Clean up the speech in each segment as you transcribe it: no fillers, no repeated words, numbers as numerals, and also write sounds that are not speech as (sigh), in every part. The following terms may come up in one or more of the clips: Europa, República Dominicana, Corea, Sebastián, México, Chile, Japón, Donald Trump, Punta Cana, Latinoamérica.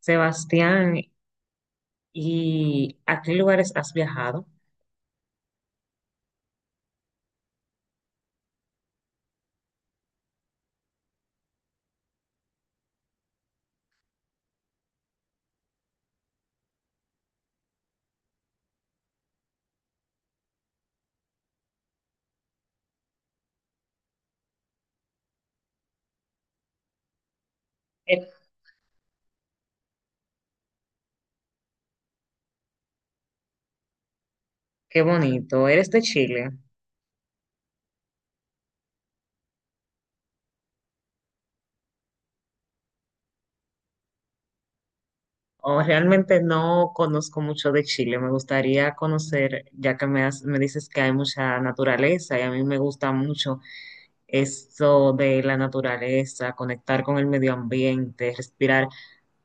Sebastián, ¿y a qué lugares has viajado? Eh, Qué bonito. ¿Eres de Chile? O realmente no conozco mucho de Chile. Me gustaría conocer, ya que has- me dices que hay mucha naturaleza y a mí me gusta mucho eso de la naturaleza, conectar con el medio ambiente, respirar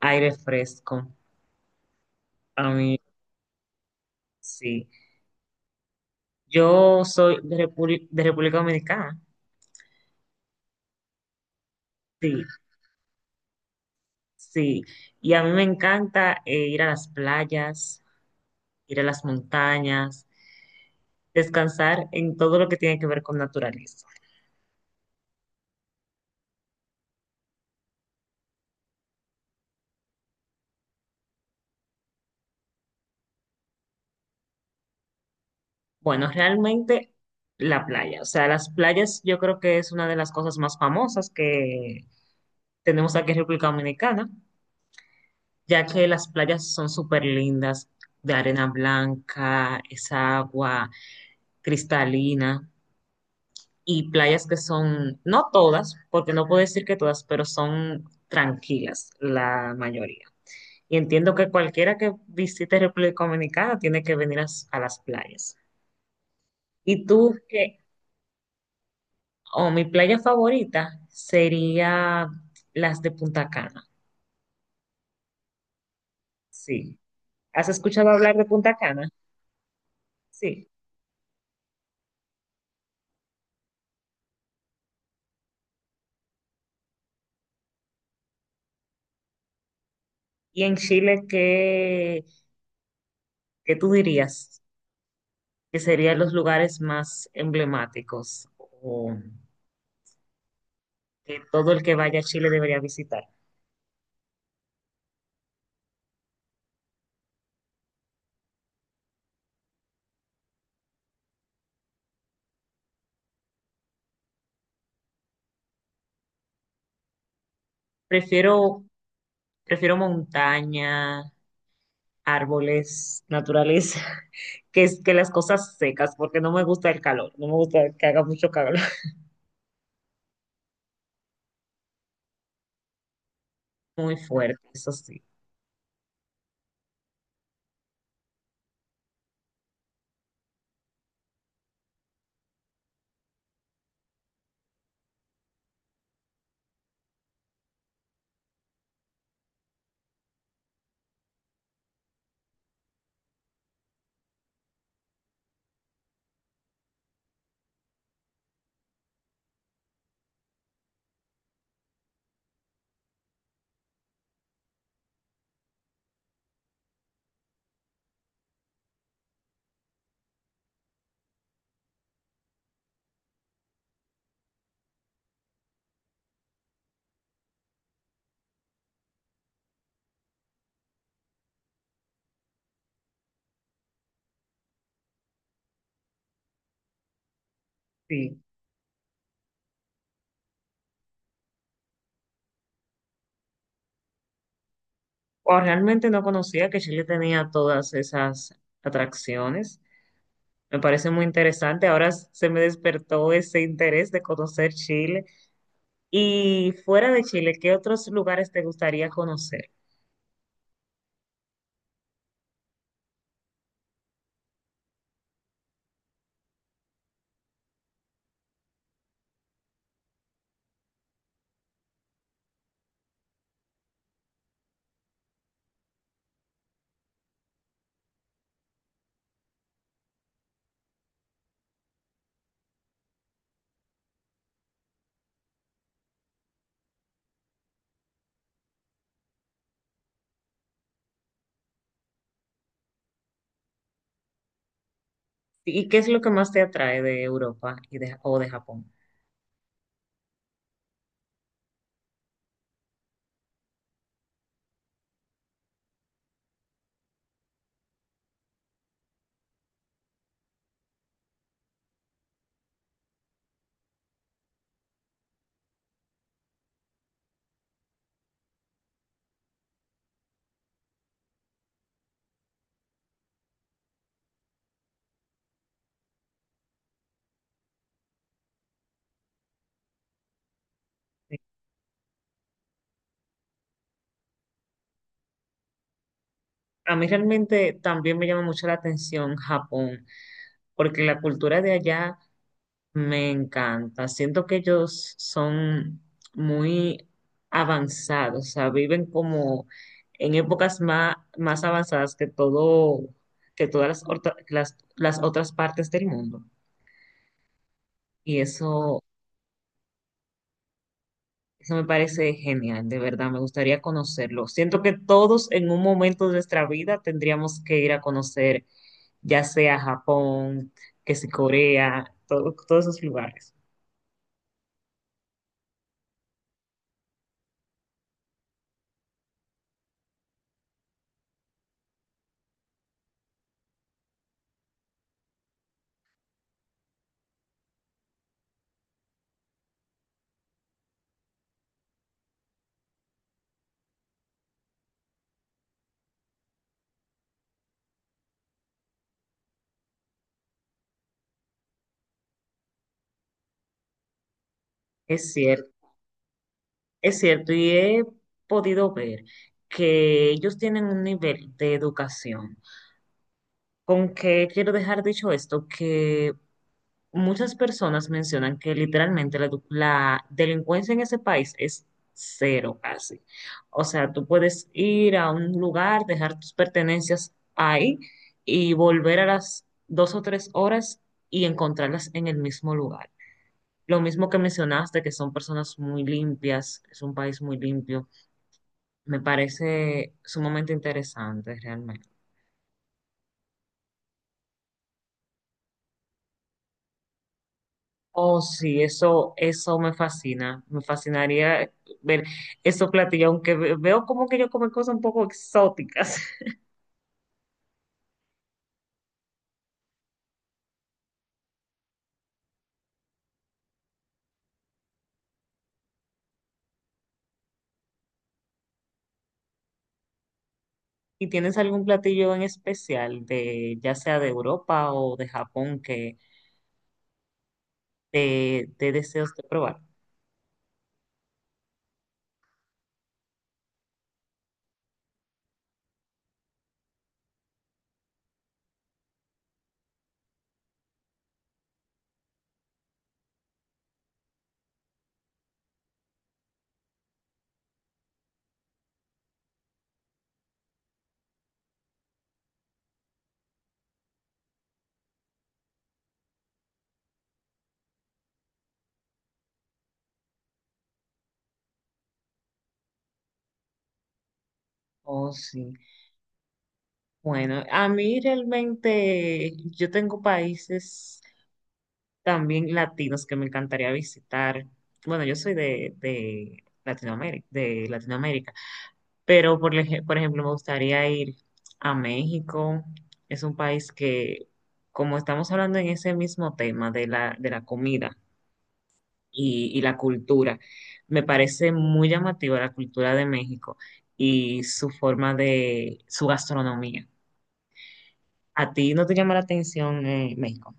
aire fresco. A mí, sí. Yo soy Repúbli- de República Dominicana. Sí, sí. Y a mí me encanta ir a las playas, ir a las montañas, descansar en todo lo que tiene que ver con naturaleza. Bueno, realmente la playa, o sea, las playas yo creo que es una de las cosas más famosas que tenemos aquí en República Dominicana, ya que las playas son súper lindas, de arena blanca, esa agua cristalina y playas que son, no todas, porque no puedo decir que todas, pero son tranquilas la mayoría. Y entiendo que cualquiera que visite República Dominicana tiene que venir s- a las playas. ¿Y tú qué? Oh, mi playa favorita sería las de Punta Cana. Sí. ¿Has escuchado hablar de Punta Cana? Sí. ¿Y en Chile qué tú dirías que serían los lugares más emblemáticos o que todo el que vaya a Chile debería visitar? Prefiero, prefiero montaña, árboles, naturaleza, (laughs) que, es- que las cosas secas, porque no me gusta el calor, no me gusta que haga mucho calor, (laughs) muy fuerte, eso sí, sí. O realmente no conocía que Chile tenía todas esas atracciones. Me parece muy interesante. Ahora s- se me despertó ese interés de conocer Chile. Y fuera de Chile, ¿qué otros lugares te gustaría conocer? ¿Y qué es lo que más te atrae de Europa o de Japón? A mí realmente también me llama mucho la atención Japón, porque la cultura de allá me encanta. Siento que ellos son muy avanzados, o sea, viven como en épocas más, más avanzadas que todo, que todas orta- las otras partes del mundo. Y eso me parece genial, de verdad, me gustaría conocerlo. Siento que todos en un momento de nuestra vida tendríamos que ir a conocer, ya sea Japón, que si Corea, todos esos lugares. Es cierto. Es cierto, y he podido ver que ellos tienen un nivel de educación. Con que quiero dejar dicho esto, que muchas personas mencionan que literalmente edu- la delincuencia en ese país es cero casi. O sea, tú puedes ir a un lugar, dejar tus pertenencias ahí y volver a las dos o tres horas y encontrarlas en el mismo lugar. Lo mismo que mencionaste, que son personas muy limpias, es un país muy limpio, me parece sumamente interesante realmente. Oh, sí, eso me fascina. Me fascinaría ver esos platillos, aunque ve- veo como que ellos comen cosas un poco exóticas. (laughs) ¿Y tienes algún platillo en especial de, ya sea de Europa o de Japón, que te deseos de probar? Oh, sí. Bueno, a mí realmente yo tengo países también latinos que me encantaría visitar. Bueno, yo soy de Latinoamérica, pero por, ej- por ejemplo me gustaría ir a México. Es un país que, como estamos hablando en ese mismo tema de de la comida y la cultura, me parece muy llamativa la cultura de México y su forma de, su gastronomía. ¿A ti no te llama la atención, México?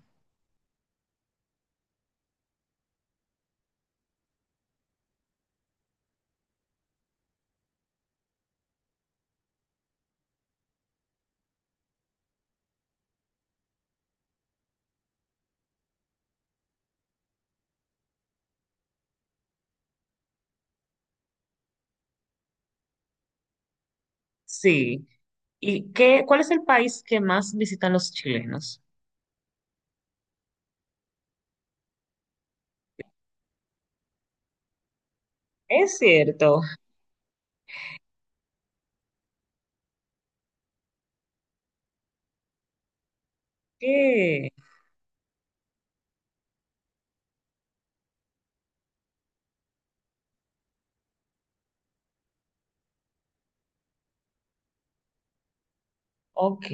Sí. ¿Y qué, cuál es el país que más visitan los chilenos? Es cierto que, ok,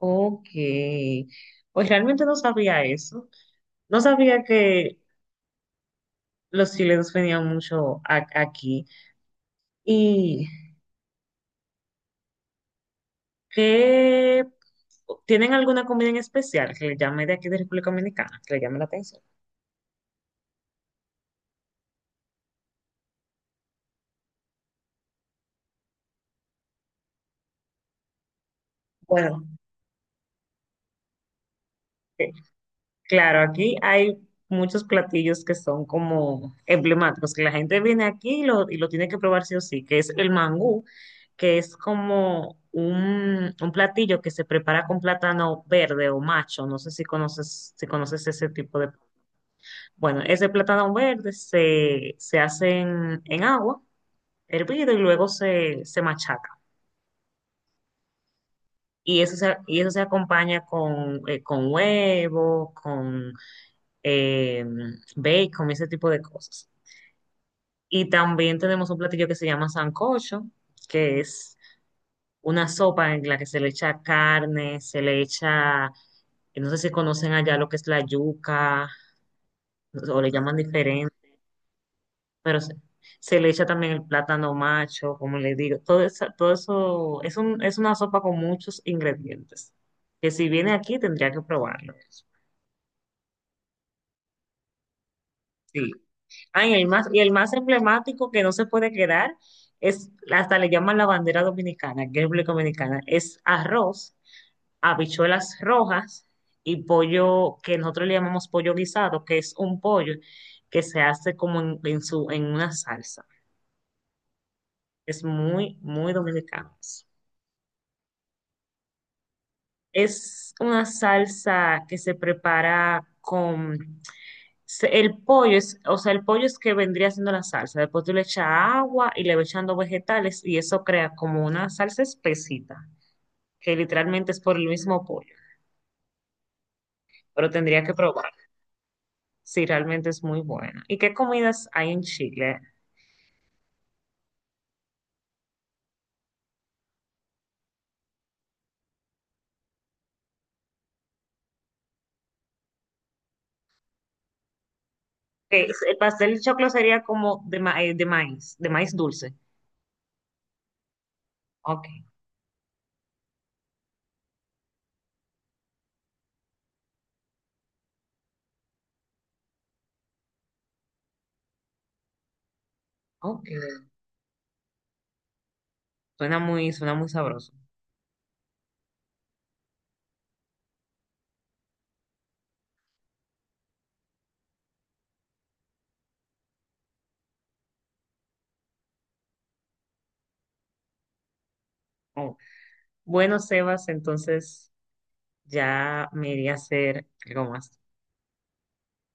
ok. Pues realmente no sabía eso. No sabía que los chilenos venían mucho a- aquí. ¿Y qué, tienen alguna comida en especial que le llame de aquí de República Dominicana, que le llame la atención? Bueno. Claro, aquí hay muchos platillos que son como emblemáticos, que la gente viene aquí y lo tiene que probar sí o sí, que es el mangú, que es como un platillo que se prepara con plátano verde o macho, no sé si conoces, si conoces ese tipo de... Bueno, ese plátano verde se, se hace en agua, hervido y luego se, se machaca. Y eso se acompaña con huevo, con eh, bacon, ese tipo de cosas. Y también tenemos un platillo que se llama sancocho, que es una sopa en la que se le echa carne, se le echa, no sé si conocen allá lo que es la yuca, o le llaman diferente, pero se le echa también el plátano macho, como le digo. Todo eso es un, es una sopa con muchos ingredientes, que si viene aquí tendría que probarlo. Sí. Ay, el más, y el más emblemático que no se puede quedar es, hasta le llaman la bandera dominicana, que es República Dominicana, es arroz, habichuelas rojas y pollo que nosotros le llamamos pollo guisado, que es un pollo que se hace como en su, en una salsa. Es muy, muy dominicano. Es una salsa que se prepara con se- El pollo es, o sea, el pollo es que vendría siendo la salsa. Después tú le echas agua y le vas echando vegetales y eso crea como una salsa espesita, que literalmente es por el mismo pollo. Pero tendría que probar si realmente es muy buena. ¿Y qué comidas hay en Chile? El pastel de choclo sería como ma- de maíz dulce. Ok, ok. Suena muy sabroso. Oh. Bueno, Sebas, entonces ya me iría a hacer algo más.